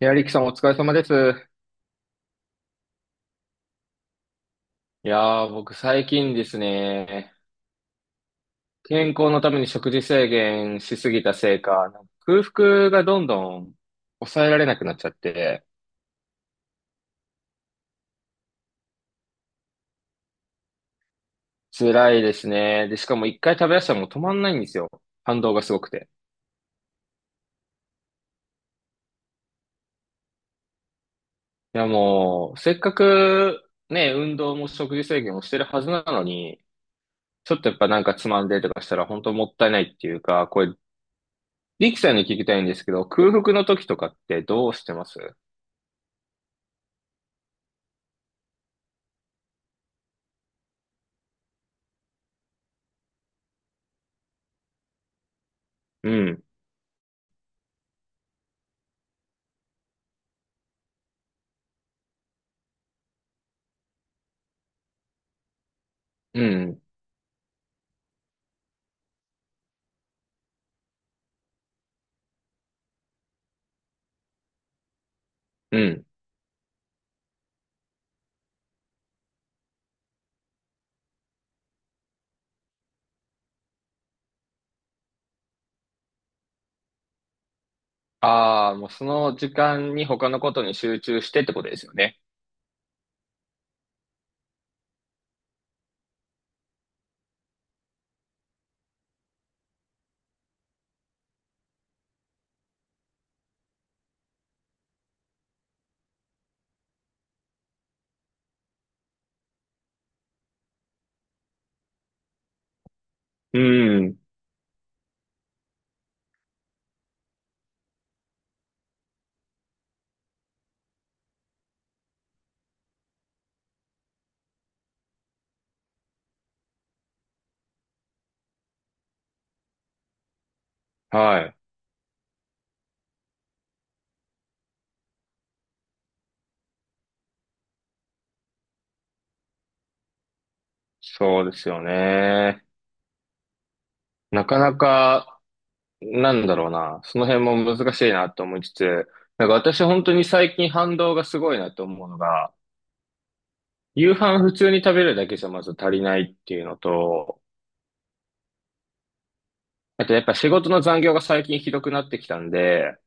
いや、リキさんお疲れ様です。いやー、僕最近ですね、健康のために食事制限しすぎたせいか、空腹がどんどん抑えられなくなっちゃって、辛いですね。で、しかも一回食べ出したらもう止まんないんですよ。反動がすごくて。いや、もう、せっかくね、運動も食事制限をしてるはずなのに、ちょっとやっぱつまんでとかしたら本当もったいないっていうか、これ、リキさんに聞きたいんですけど、空腹の時とかってどうしてます？うん、うん、うん。ああ、もうその時間に他のことに集中してってことですよね。うん。はい。そうですよね。なかなか、なんだろうな。その辺も難しいなと思いつつ、私本当に最近反動がすごいなと思うのが、夕飯普通に食べるだけじゃまず足りないっていうのと、あとやっぱ仕事の残業が最近ひどくなってきたんで、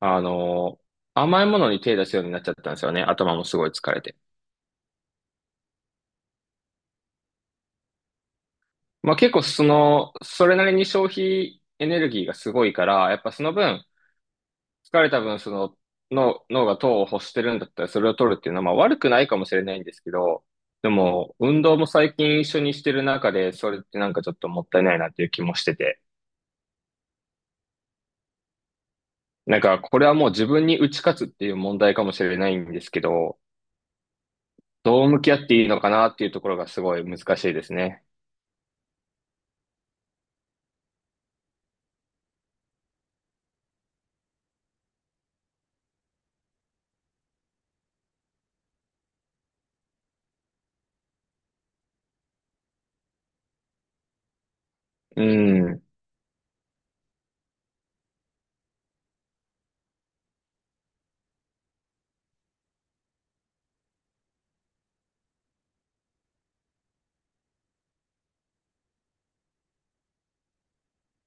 あの、甘いものに手出すようになっちゃったんですよね。頭もすごい疲れて。まあ結構その、それなりに消費エネルギーがすごいから、やっぱその分、疲れた分、その、脳が糖を欲してるんだったらそれを取るっていうのは、まあ悪くないかもしれないんですけど、でも、運動も最近一緒にしてる中で、それってなんかちょっともったいないなっていう気もしてて、これはもう自分に打ち勝つっていう問題かもしれないんですけど、どう向き合っていいのかなっていうところがすごい難しいですね。うん、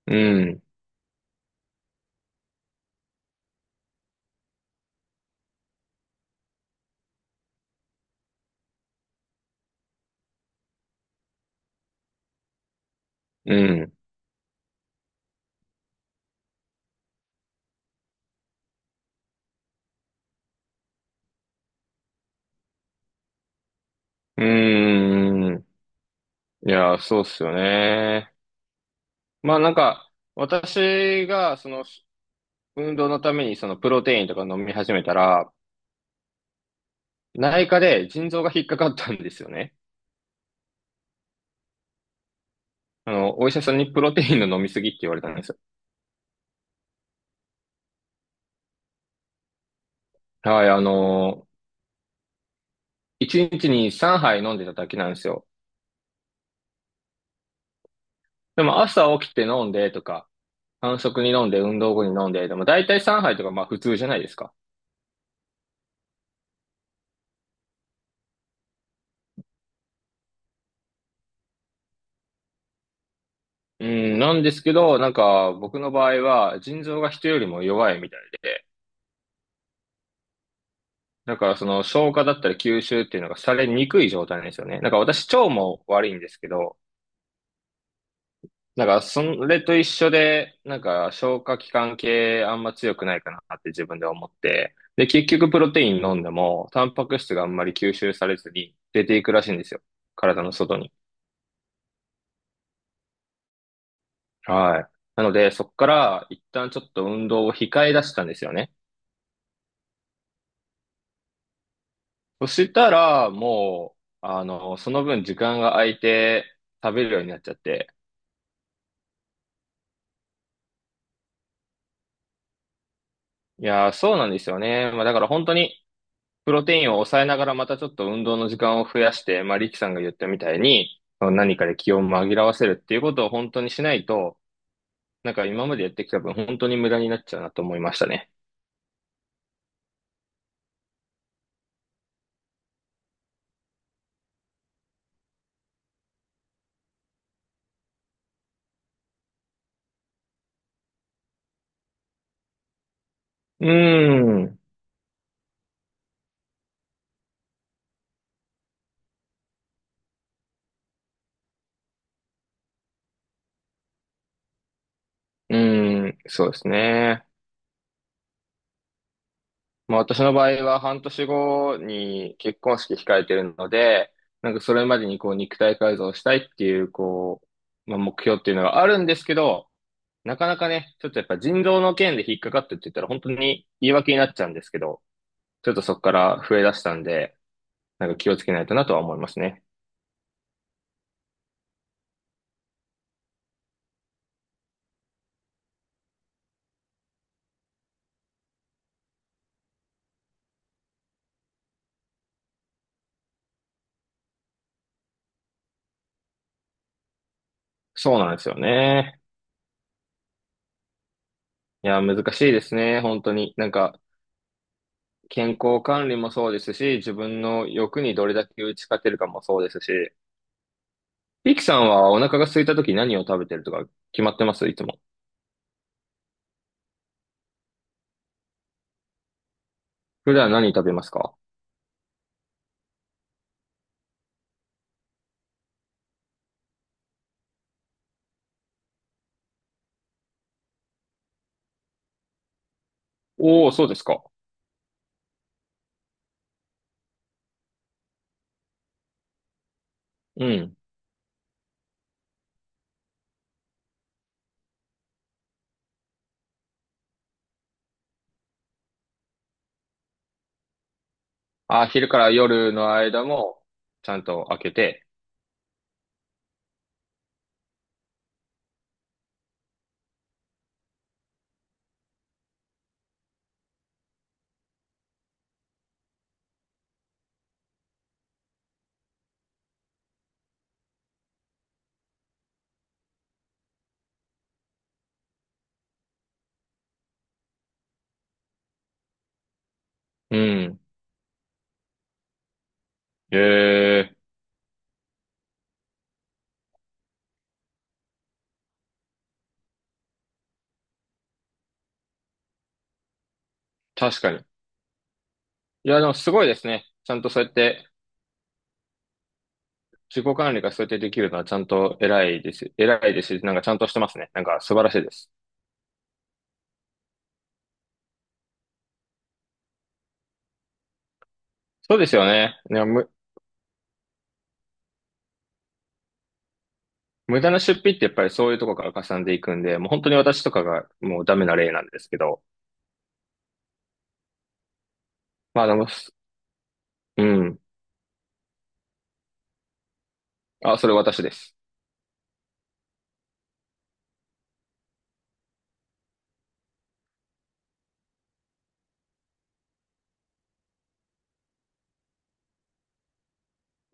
うん、うん、うん。いや、そうっすよね。まあ、私がその運動のためにそのプロテインとか飲み始めたら、内科で腎臓が引っかかったんですよね。あの、お医者さんにプロテインの飲みすぎって言われたんですよ。はい、あの1日に3杯飲んでただけなんですよ。でも朝起きて飲んでとか、間食に飲んで、運動後に飲んで、でも大体3杯とかまあ普通じゃないですか。うん、なんですけど、なんか僕の場合は腎臓が人よりも弱いみたいで、だからその消化だったり吸収っていうのがされにくい状態なんですよね。なんか私腸も悪いんですけど、なんかそれと一緒で、なんか消化器官系あんま強くないかなって自分で思って、で結局プロテイン飲んでもタンパク質があんまり吸収されずに出ていくらしいんですよ。体の外に。はい。なのでそこから一旦ちょっと運動を控え出したんですよね。そしたらもう、その分時間が空いて食べるようになっちゃって、いやー、そうなんですよね。まあだから本当に、プロテインを抑えながらまたちょっと運動の時間を増やして、まあリキさんが言ったみたいに、何かで気を紛らわせるっていうことを本当にしないと、なんか今までやってきた分本当に無駄になっちゃうなと思いましたね。うーん、うーん、そうですね。まあ、私の場合は半年後に結婚式控えてるので、なんかそれまでにこう肉体改造したいっていう、こう、まあ、目標っていうのがあるんですけど、なかなかね、ちょっとやっぱ腎臓の件で引っかかってって言ったら本当に言い訳になっちゃうんですけど、ちょっとそこから増え出したんで、なんか気をつけないとなとは思いますね。そうなんですよね。いや、難しいですね、本当に。なんか、健康管理もそうですし、自分の欲にどれだけ打ち勝てるかもそうですし、リキさんはお腹が空いた時何を食べてるとか決まってますいつも？普段何食べますか？おおー、そうですか。うん。あ、昼から夜の間もちゃんと開けて。うん。ええ、確かに。いや、でもすごいですね。ちゃんとそうやって、自己管理がそうやってできるのはちゃんと偉いです。偉いですし。なんかちゃんとしてますね。なんか素晴らしいです。そうですよね。ね、無駄な出費ってやっぱりそういうとこからかさんでいくんで、もう本当に私とかがもうダメな例なんですけど。まあでも、うん。あ、それ私です。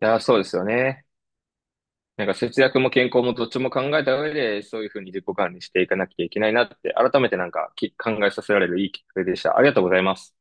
いやー、そうですよね。なんか節約も健康もどっちも考えた上で、そういうふうに自己管理していかなきゃいけないなって、改めてなんかき考えさせられるいいきっかけでした。ありがとうございます。